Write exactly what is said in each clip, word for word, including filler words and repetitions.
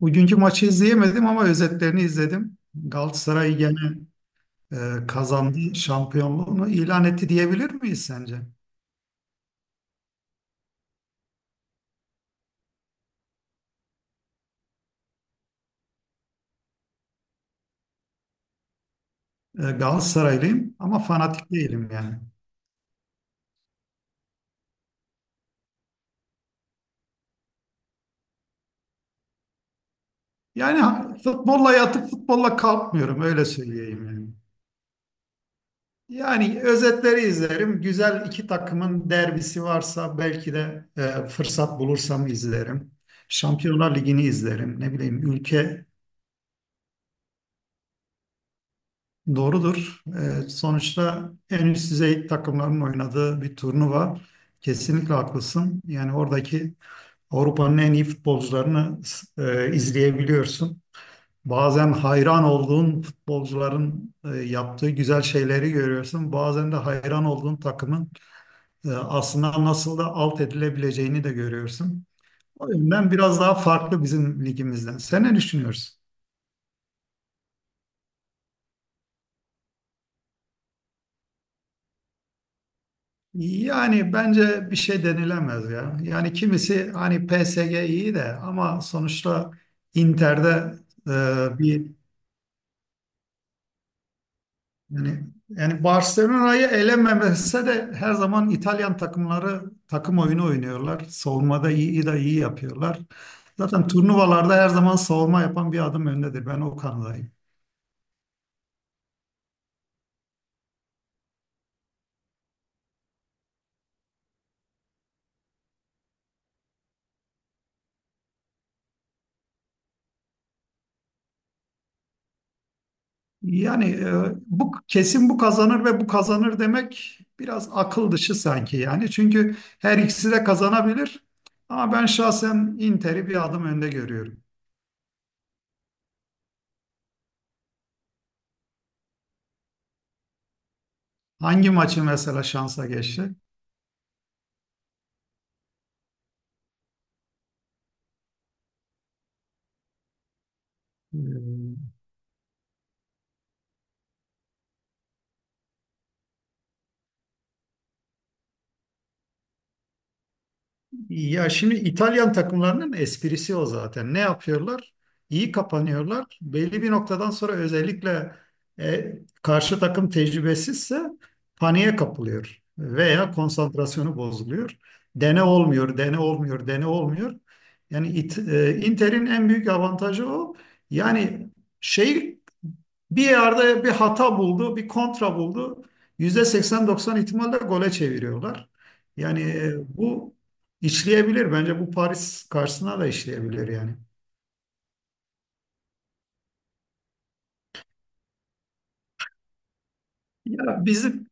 Bugünkü maçı izleyemedim ama özetlerini izledim. Galatasaray gene e, kazandı, şampiyonluğunu ilan etti diyebilir miyiz sence? E, Galatasaraylıyım ama fanatik değilim yani. Yani ha- futbolla yatıp futbolla kalkmıyorum öyle söyleyeyim yani. Yani özetleri izlerim. Güzel iki takımın derbisi varsa belki de e, fırsat bulursam izlerim. Şampiyonlar Ligi'ni izlerim. Ne bileyim ülke. Doğrudur. Ee, sonuçta en üst düzey takımların oynadığı bir turnuva. Kesinlikle haklısın. Yani oradaki Avrupa'nın en iyi futbolcularını e, izleyebiliyorsun. Bazen hayran olduğun futbolcuların e, yaptığı güzel şeyleri görüyorsun. Bazen de hayran olduğun takımın e, aslında nasıl da alt edilebileceğini de görüyorsun. O yüzden biraz daha farklı bizim ligimizden. Sen ne düşünüyorsun? Yani bence bir şey denilemez ya. Yani kimisi hani P S G iyi de ama sonuçta Inter'de e, bir yani yani Barcelona'yı elememese de her zaman İtalyan takımları takım oyunu oynuyorlar. Savunmada iyi de iyi yapıyorlar. Zaten turnuvalarda her zaman savunma yapan bir adım öndedir. Ben o kanadayım. Yani e, bu kesin bu kazanır ve bu kazanır demek biraz akıl dışı sanki yani. Çünkü her ikisi de kazanabilir. Ama ben şahsen Inter'i bir adım önde görüyorum. Hangi maçı mesela şansa geçti? Ya şimdi İtalyan takımlarının esprisi o zaten. Ne yapıyorlar? İyi kapanıyorlar. Belli bir noktadan sonra özellikle e, karşı takım tecrübesizse paniğe kapılıyor veya konsantrasyonu bozuluyor. Dene olmuyor, dene olmuyor, dene olmuyor. Yani it, e, Inter'in en büyük avantajı o. Yani şey, bir yerde bir hata buldu, bir kontra buldu. yüzde seksen doksan ihtimalle gole çeviriyorlar. Yani e, bu İşleyebilir. Bence bu Paris karşısına da işleyebilir yani. Ya bizim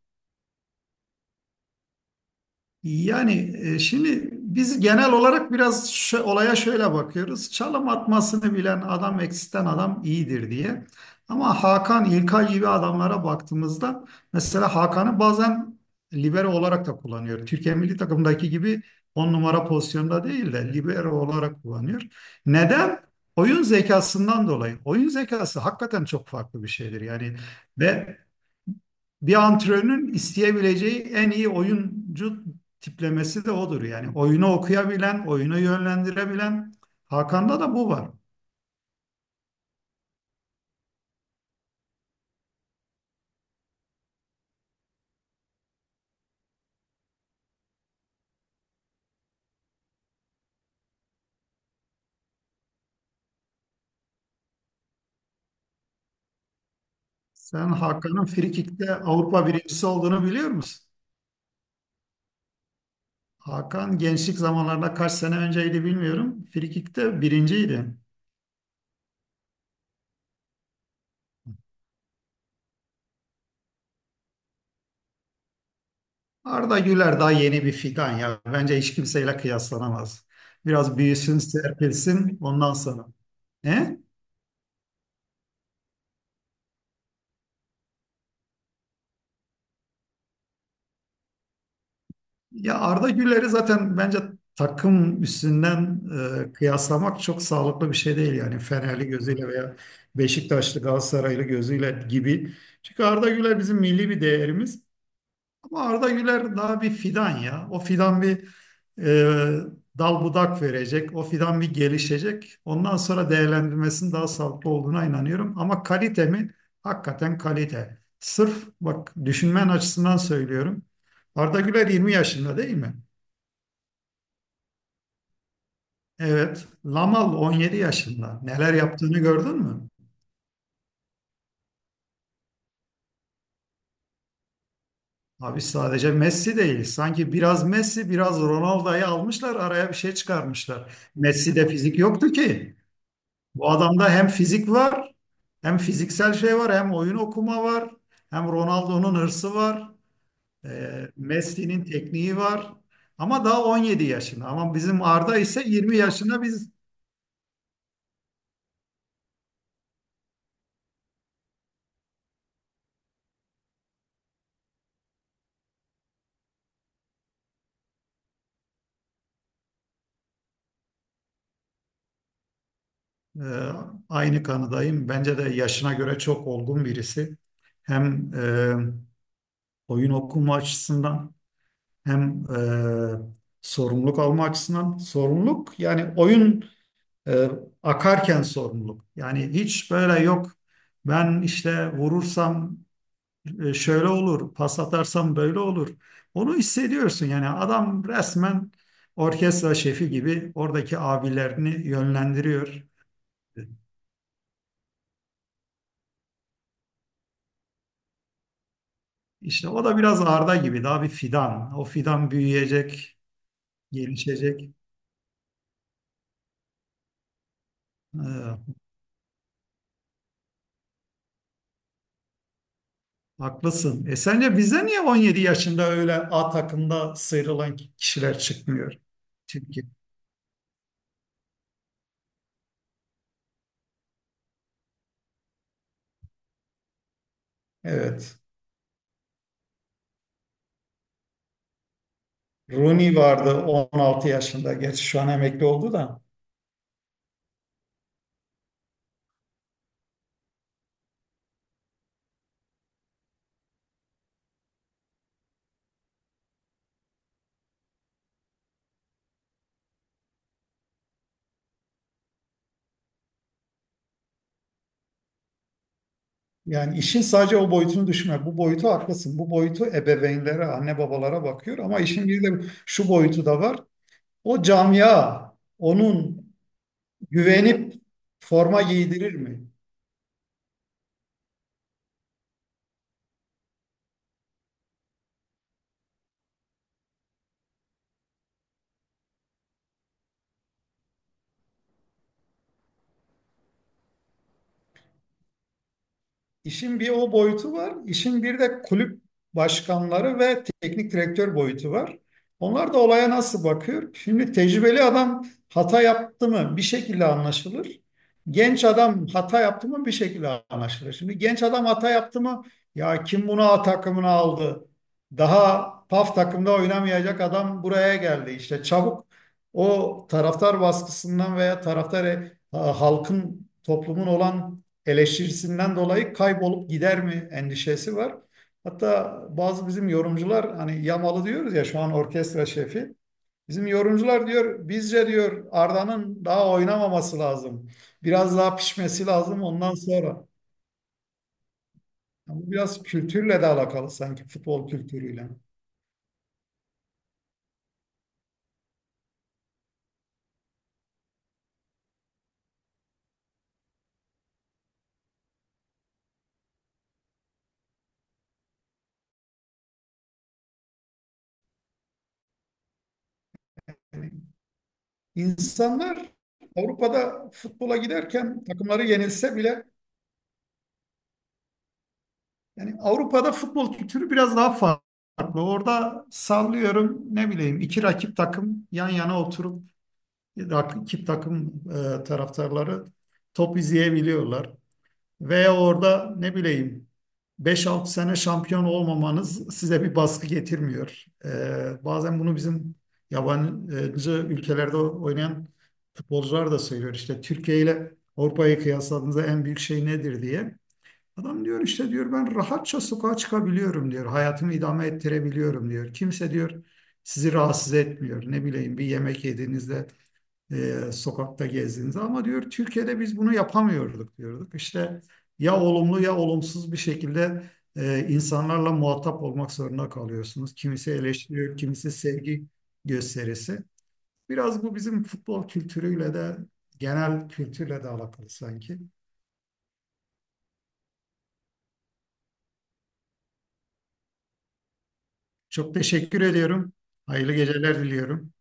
yani e, şimdi biz genel olarak biraz şö- olaya şöyle bakıyoruz. Çalım atmasını bilen adam eksisten adam iyidir diye. Ama Hakan İlkay gibi adamlara baktığımızda mesela Hakan'ı bazen libero olarak da kullanıyor. Türkiye milli takımdaki gibi on numara pozisyonda değil de libero olarak kullanıyor. Neden? Oyun zekasından dolayı. Oyun zekası hakikaten çok farklı bir şeydir. Yani ve bir antrenörün isteyebileceği en iyi oyuncu tiplemesi de odur. Yani oyunu okuyabilen, oyunu yönlendirebilen. Hakan'da da bu var. Sen Hakan'ın frikikte Avrupa birincisi olduğunu biliyor musun? Hakan gençlik zamanlarında kaç sene önceydi bilmiyorum. Frikikte birinciydi. Arda Güler daha yeni bir fidan ya. Bence hiç kimseyle kıyaslanamaz. Biraz büyüsün, serpilsin ondan sonra. He? Ya Arda Güler'i zaten bence takım üstünden e, kıyaslamak çok sağlıklı bir şey değil yani Fenerli gözüyle veya Beşiktaşlı Galatasaraylı gözüyle gibi. Çünkü Arda Güler bizim milli bir değerimiz ama Arda Güler daha bir fidan ya. O fidan bir e, dal budak verecek, o fidan bir gelişecek. Ondan sonra değerlendirmesinin daha sağlıklı olduğuna inanıyorum ama kalite mi? Hakikaten kalite. Sırf bak düşünmen açısından söylüyorum. Arda Güler yirmi yaşında değil mi? Evet, Lamal on yedi yaşında. Neler yaptığını gördün mü? Abi sadece Messi değil. Sanki biraz Messi, biraz Ronaldo'yu almışlar, araya bir şey çıkarmışlar. Messi'de fizik yoktu ki. Bu adamda hem fizik var, hem fiziksel şey var, hem oyun okuma var, hem Ronaldo'nun hırsı var, e, Messi'nin tekniği var. Ama daha on yedi yaşında. Ama bizim Arda ise yirmi yaşında. Biz Ee, aynı kanıdayım. Bence de yaşına göre çok olgun birisi. Hem e, oyun okuma açısından hem e, sorumluluk alma açısından. Sorumluluk yani oyun e, akarken sorumluluk. Yani hiç böyle yok. Ben işte vurursam e, şöyle olur, pas atarsam böyle olur. Onu hissediyorsun yani adam resmen orkestra şefi gibi oradaki abilerini yönlendiriyor. İşte o da biraz Arda gibi daha bir fidan. O fidan büyüyecek, gelişecek. Ee, haklısın. E sence bize niye on yedi yaşında öyle A takımda sıyrılan kişiler çıkmıyor? Türkiye. Evet. Rooney vardı on altı yaşında. Gerçi şu an emekli oldu da. Yani işin sadece o boyutunu düşünme. Bu boyutu haklısın. Bu boyutu ebeveynlere, anne babalara bakıyor ama işin bir de şu boyutu da var. O camia onun güvenip forma giydirir mi? İşin bir o boyutu var. İşin bir de kulüp başkanları ve teknik direktör boyutu var. Onlar da olaya nasıl bakıyor? Şimdi tecrübeli adam hata yaptı mı bir şekilde anlaşılır. Genç adam hata yaptı mı bir şekilde anlaşılır. Şimdi genç adam hata yaptı mı ya kim bunu A takımına aldı? Daha paf takımda oynamayacak adam buraya geldi. İşte çabuk o taraftar baskısından veya taraftar e, halkın toplumun olan eleştirisinden dolayı kaybolup gider mi endişesi var. Hatta bazı bizim yorumcular hani Yamalı diyoruz ya şu an orkestra şefi. Bizim yorumcular diyor bizce diyor Arda'nın daha oynamaması lazım. Biraz daha pişmesi lazım ondan sonra. Bu biraz kültürle de alakalı sanki futbol kültürüyle. Yani insanlar Avrupa'da futbola giderken takımları yenilse bile yani Avrupa'da futbol kültürü biraz daha farklı. Orada sallıyorum ne bileyim iki rakip takım yan yana oturup rak- iki takım e, taraftarları top izleyebiliyorlar. Veya orada ne bileyim beş altı sene şampiyon olmamanız size bir baskı getirmiyor. E, bazen bunu bizim yabancı ülkelerde oynayan futbolcular da söylüyor. İşte Türkiye ile Avrupa'yı kıyasladığınızda en büyük şey nedir diye. Adam diyor işte diyor ben rahatça sokağa çıkabiliyorum diyor. Hayatımı idame ettirebiliyorum diyor. Kimse diyor sizi rahatsız etmiyor. Ne bileyim bir yemek yediğinizde e, sokakta gezdiğinizde ama diyor Türkiye'de biz bunu yapamıyorduk diyorduk. İşte ya olumlu ya olumsuz bir şekilde e, insanlarla muhatap olmak zorunda kalıyorsunuz. Kimisi eleştiriyor, kimisi sevgi gösterisi. Biraz bu bizim futbol kültürüyle de genel kültürle de alakalı sanki. Çok teşekkür ediyorum. Hayırlı geceler diliyorum.